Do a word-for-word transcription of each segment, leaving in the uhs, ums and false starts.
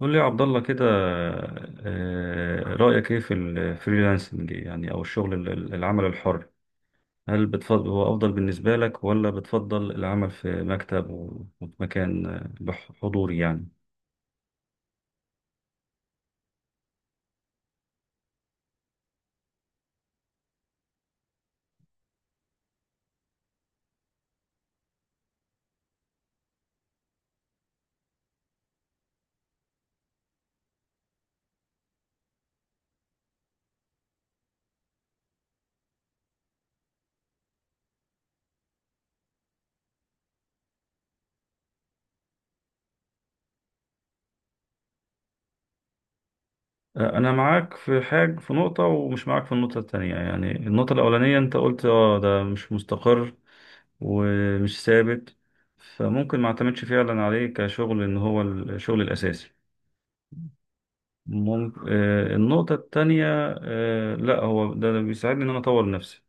قول لي يا عبد الله كده. آه، رأيك ايه في الفريلانسنج يعني او الشغل ال- العمل الحر؟ هل بتفضل هو افضل بالنسبة لك ولا بتفضل العمل في مكتب و- وفي مكان، آه، بح- حضوري يعني؟ آه، انا معاك في حاجة في نقطة ومش معاك في النقطة التانية. يعني النقطة الاولانية انت قلت اه ده مش مستقر ومش ثابت، فممكن ما اعتمدش فعلا عليه كشغل ان هو الشغل الاساسي. ممكن آه، النقطة التانية، آه، لا هو ده ده بيساعدني إن أنا أطور نفسي،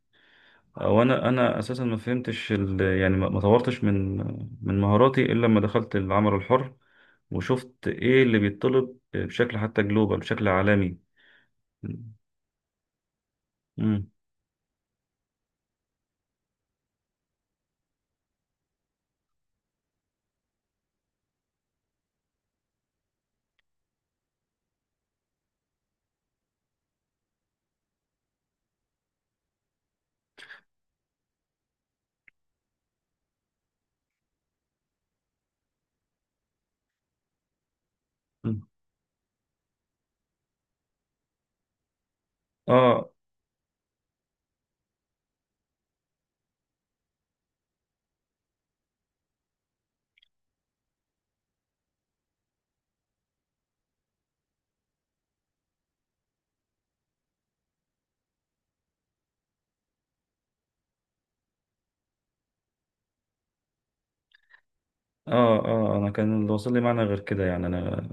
أو أنا أنا أساسا ما فهمتش ال... يعني ما ما طورتش من من مهاراتي إلا لما دخلت العمل الحر، وشفت إيه اللي بيتطلب بشكل حتى جلوبال، بشكل عالمي. مم. مم. آه اه اه انا كان اللي واصل لي معنى غير كده، يعني انا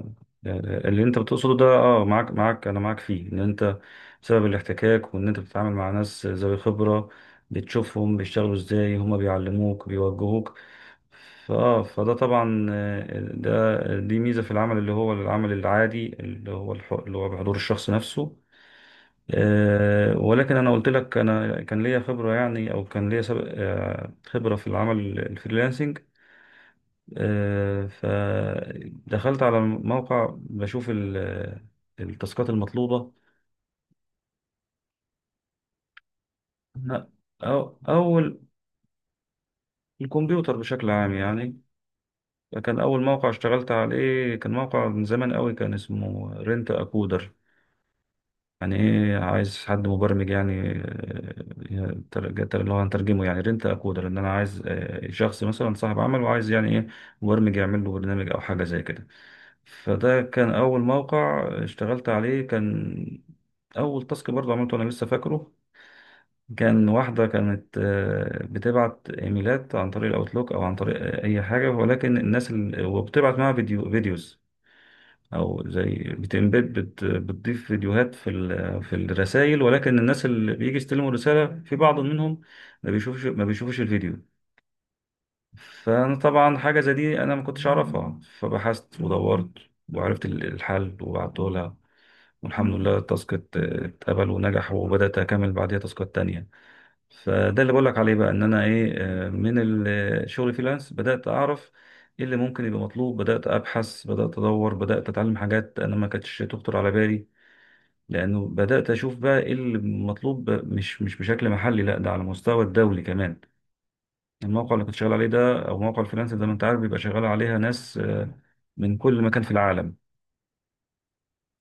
اللي انت بتقصده ده، اه معاك معاك انا معاك فيه ان انت بسبب الاحتكاك وان انت بتتعامل مع ناس ذوي خبرة، بتشوفهم بيشتغلوا ازاي، هما بيعلموك بيوجهوك. فاه فده طبعا، آه، ده دي ميزة في العمل اللي هو العمل العادي اللي هو الح- اللي هو بحضور الشخص نفسه. آه، ولكن انا قلت لك انا كان ليا خبرة يعني او كان ليا سبق، آه، خبرة في العمل الفريلانسنج. آه، فدخلت على موقع بشوف ال- آه، التاسكات المطلوبة. أو أول الكمبيوتر بشكل عام يعني. كان أول موقع اشتغلت عليه كان موقع من زمان قوي، كان اسمه رنت أكودر. يعني إيه عايز حد مبرمج يعني. آه، تر- تر- اللي هو هنترجمه يعني رنت أكودر إن أنا عايز آه، شخص مثلا صاحب عمل وعايز يعني إيه، مبرمج يعمل له برنامج أو حاجة زي كده. فده كان أول موقع اشتغلت عليه. كان أول تاسك برضه عملته أنا لسه فاكره، كان واحدة كانت آه، بتبعت إيميلات عن طريق الأوتلوك أو عن طريق آه، أي حاجة، ولكن الناس ال... وبتبعت معاها فيديو فيديوز، أو زي بتمبيد بت... بتضيف فيديوهات في ال... في الرسائل، ولكن الناس اللي بيجي يستلموا الرسالة في بعض منهم ما بيشوفش ما بيشوفش الفيديو. فأنا طبعا حاجة زي دي أنا ما كنتش أعرفها، فبحثت ودورت وعرفت ال- الحل وبعته لها، والحمد لله التاسك ات- اتقبل ونجح، وبدأت أكمل بعديها تاسكات تانية. فده اللي بقولك عليه بقى إن أنا إيه، آه، من الشغل فريلانس بدأت أعرف إيه اللي ممكن يبقى مطلوب، بدأت أبحث بدأت أدور بدأت أتعلم حاجات أنا ما كانتش تخطر على بالي، لأنه بدأت أشوف بقى إيه اللي مطلوب مش مش بشكل محلي، لا ده على مستوى الدولي كمان. الموقع اللي كنت شغال عليه ده أو موقع الفريلانس زي ما أنت عارف بيبقى شغال عليها ناس آه، من كل مكان في العالم،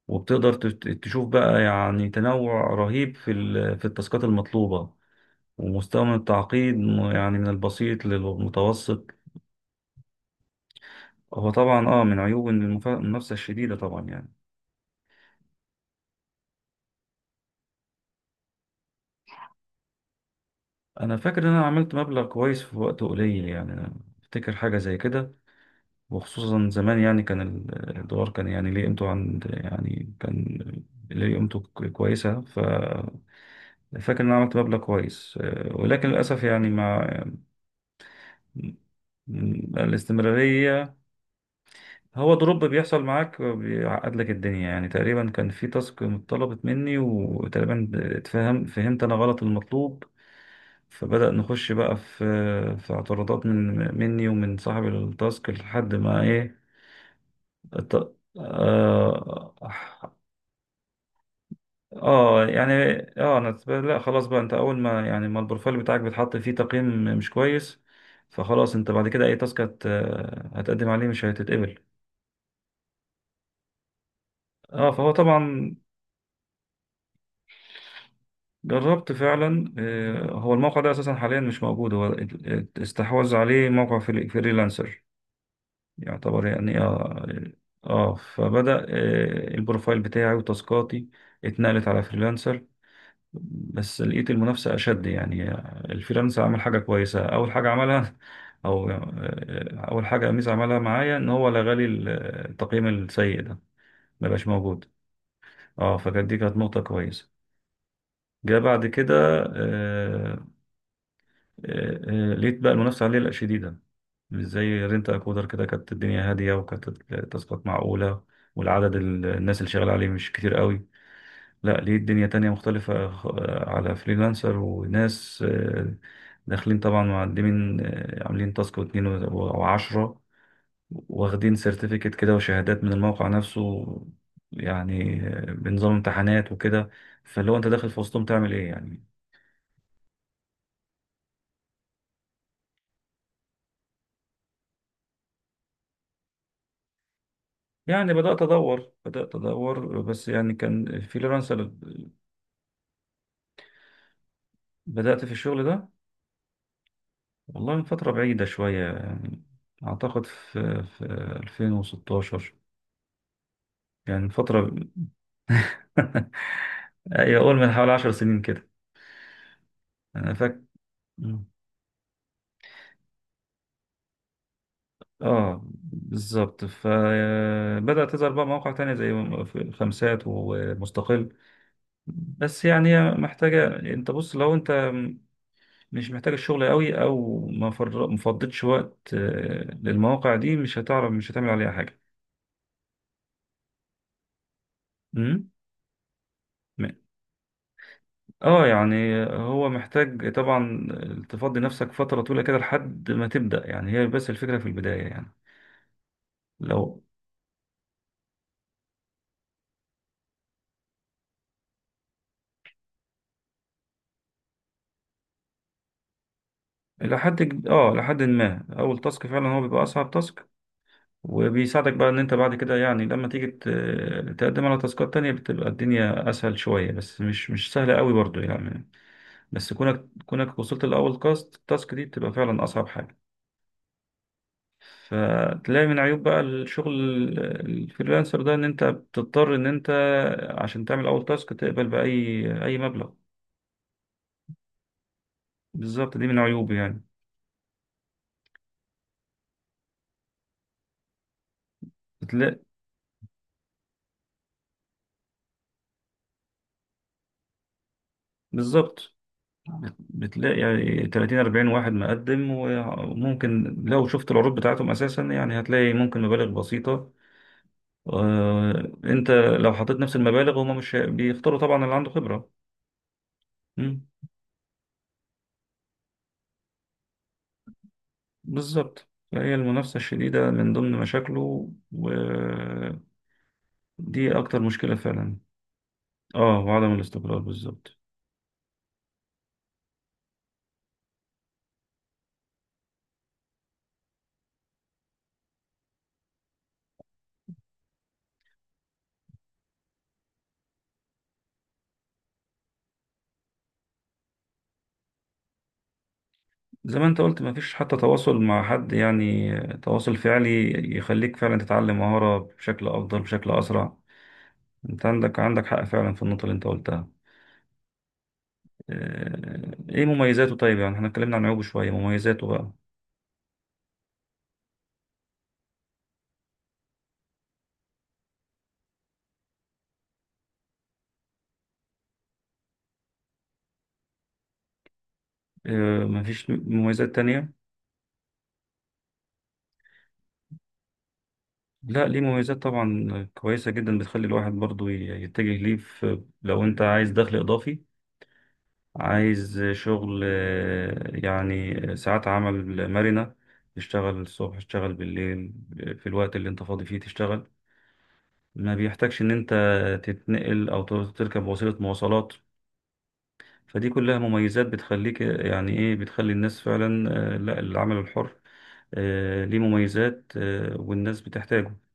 وبتقدر تت- تشوف بقى يعني تنوع رهيب في ال- في التاسكات المطلوبة، ومستوى من التعقيد، م- يعني من البسيط للمتوسط. هو طبعا اه من عيوب إن المف- المنافسة الشديدة طبعا يعني. انا فاكر ان انا عملت مبلغ كويس في وقت قليل، يعني أنا افتكر حاجة زي كده، وخصوصا زمان يعني كان ال- الدولار كان يعني ليه قيمته، عند يعني كان ليه قيمته ك- كويسة، ففاكر ان انا عملت مبلغ كويس، آه، ولكن للأسف يعني مع الاستمرارية. هو دروب بيحصل معاك بيعقد لك الدنيا يعني، تقريبا كان في تاسك اتطلبت مني، وتقريبا اتفهم فهمت انا غلط المطلوب، فبدأ نخش بقى في في اعتراضات من مني ومن صاحب التاسك لحد ما ايه، الت- اه, آه يعني اه انا اتب- لا خلاص بقى، انت اول ما يعني ما البروفايل بتاعك بيتحط فيه تقييم مش كويس، فخلاص انت بعد كده اي تاسك هت- هتقدم عليه مش هتتقبل. اه فهو طبعا. جربت فعلا، آه، هو الموقع ده اساسا حاليا مش موجود، هو ات- استحوذ عليه موقع فري- فريلانسر يعتبر يعني. اه اه فبدأ آه، البروفايل بتاعي وتاسكاتي اتنقلت على فريلانسر، بس لقيت المنافسة أشد يعني. الفريلانسر عمل حاجة كويسة، أول حاجة عملها أو آه، أول حاجة ميزة عملها معايا إن هو لغى لي التقييم السيء ده، مبقاش موجود. اه فكانت دي كانت نقطة كويسة. جاء بعد كده آه، آه، آه، لقيت بقى المنافسة عليه لا شديدة، مش زي رينت أكودر. كده كانت الدنيا هادية وكانت التاسكات معقولة، والعدد ال- الناس اللي شغالة عليه مش كتير قوي. لا ليه الدنيا تانية مختلفة، خ- على فريلانسر، وناس آه، داخلين طبعا معلمين، آه، عاملين تاسك واتنين و- وعشرة، واخدين سيرتيفيكت كده وشهادات من الموقع نفسه، يعني آه، بنظام امتحانات وكده. فاللي هو انت داخل في وسطهم تعمل ايه يعني. يعني بدأت أدور، بدأت أدور بس يعني كان فريلانسر. بدأت في الشغل ده والله من فترة بعيدة شوية يعني، أعتقد في في ألفين وستاشر، يعني من فترة. أي أقول من حوالي 10 سنين كده، أنا فاكر. آه بالظبط، فبدأت تظهر بقى مواقع تانية زي م- في- خمسات ومستقل، بس يعني هي محتاجة. أنت بص لو أنت مش محتاجة الشغل قوي، او ما فر- ما فضيتش وقت آه، للمواقع دي، مش هتعرف مش هتعمل عليها حاجة. امم م- اه يعني هو محتاج طبعا تفضي نفسك فترة طويلة كده لحد ما تبدأ يعني، هي بس الفكرة في البداية يعني. لو لحد ج- اه لحد ما اول تاسك، فعلا هو بيبقى اصعب تاسك، وبيساعدك بقى ان انت بعد كده يعني لما تيجي ت- تقدم على تاسكات تانية، بتبقى الدنيا اسهل شوية، بس مش مش سهلة قوي برضو يعني. بس كونك كونك وصلت لأول كاست التاسك، دي بتبقى فعلا أصعب حاجة. فتلاقي من عيوب بقى الشغل ال- الفريلانسر ده إن أنت بتضطر إن أنت عشان تعمل أول تاسك تقبل بأي أي مبلغ. بالظبط، دي من عيوبه يعني. بتلاقي بالظبط، بت- بتلاقي يعني تلاتين اربعين واحد مقدم، وممكن لو شفت العروض بتاعتهم أساسا يعني هتلاقي ممكن مبالغ بسيطة. آه، أنت لو حطيت نفس المبالغ، هما مش هي- بيختاروا طبعا اللي عنده خبرة. بالظبط، فهي المنافسة الشديدة من ضمن مشاكله، ودي أكتر مشكلة فعلا. اه وعدم الاستقرار بالظبط. زي ما انت قلت مفيش حتى تواصل مع حد يعني، تواصل فعلي يخليك فعلا تتعلم مهارة بشكل أفضل، بشكل أسرع. انت عندك عندك حق فعلا في النقطة اللي انت قلتها. آه، ايه مميزاته، طيب يعني احنا اتكلمنا عن عيوبه شوية، مميزاته بقى. آه، مفيش مميزات تانية. لا ليه مميزات طبعا كويسة جدا، بتخلي الواحد برضو ي- يتجه ليه، في لو انت عايز دخل إضافي، عايز شغل آه، يعني ساعات عمل مرنة، تشتغل الصبح تشتغل بالليل في الوقت اللي انت فاضي فيه تشتغل، ما بيحتاجش ان انت تتنقل او ت- تركب وسيلة مواصلات. فدي كلها مميزات بتخليك، آه، يعني ايه بتخلي الناس فعلا، آه، لا العمل الحر، آه، ليه مميزات، آه، والناس بتحتاجه.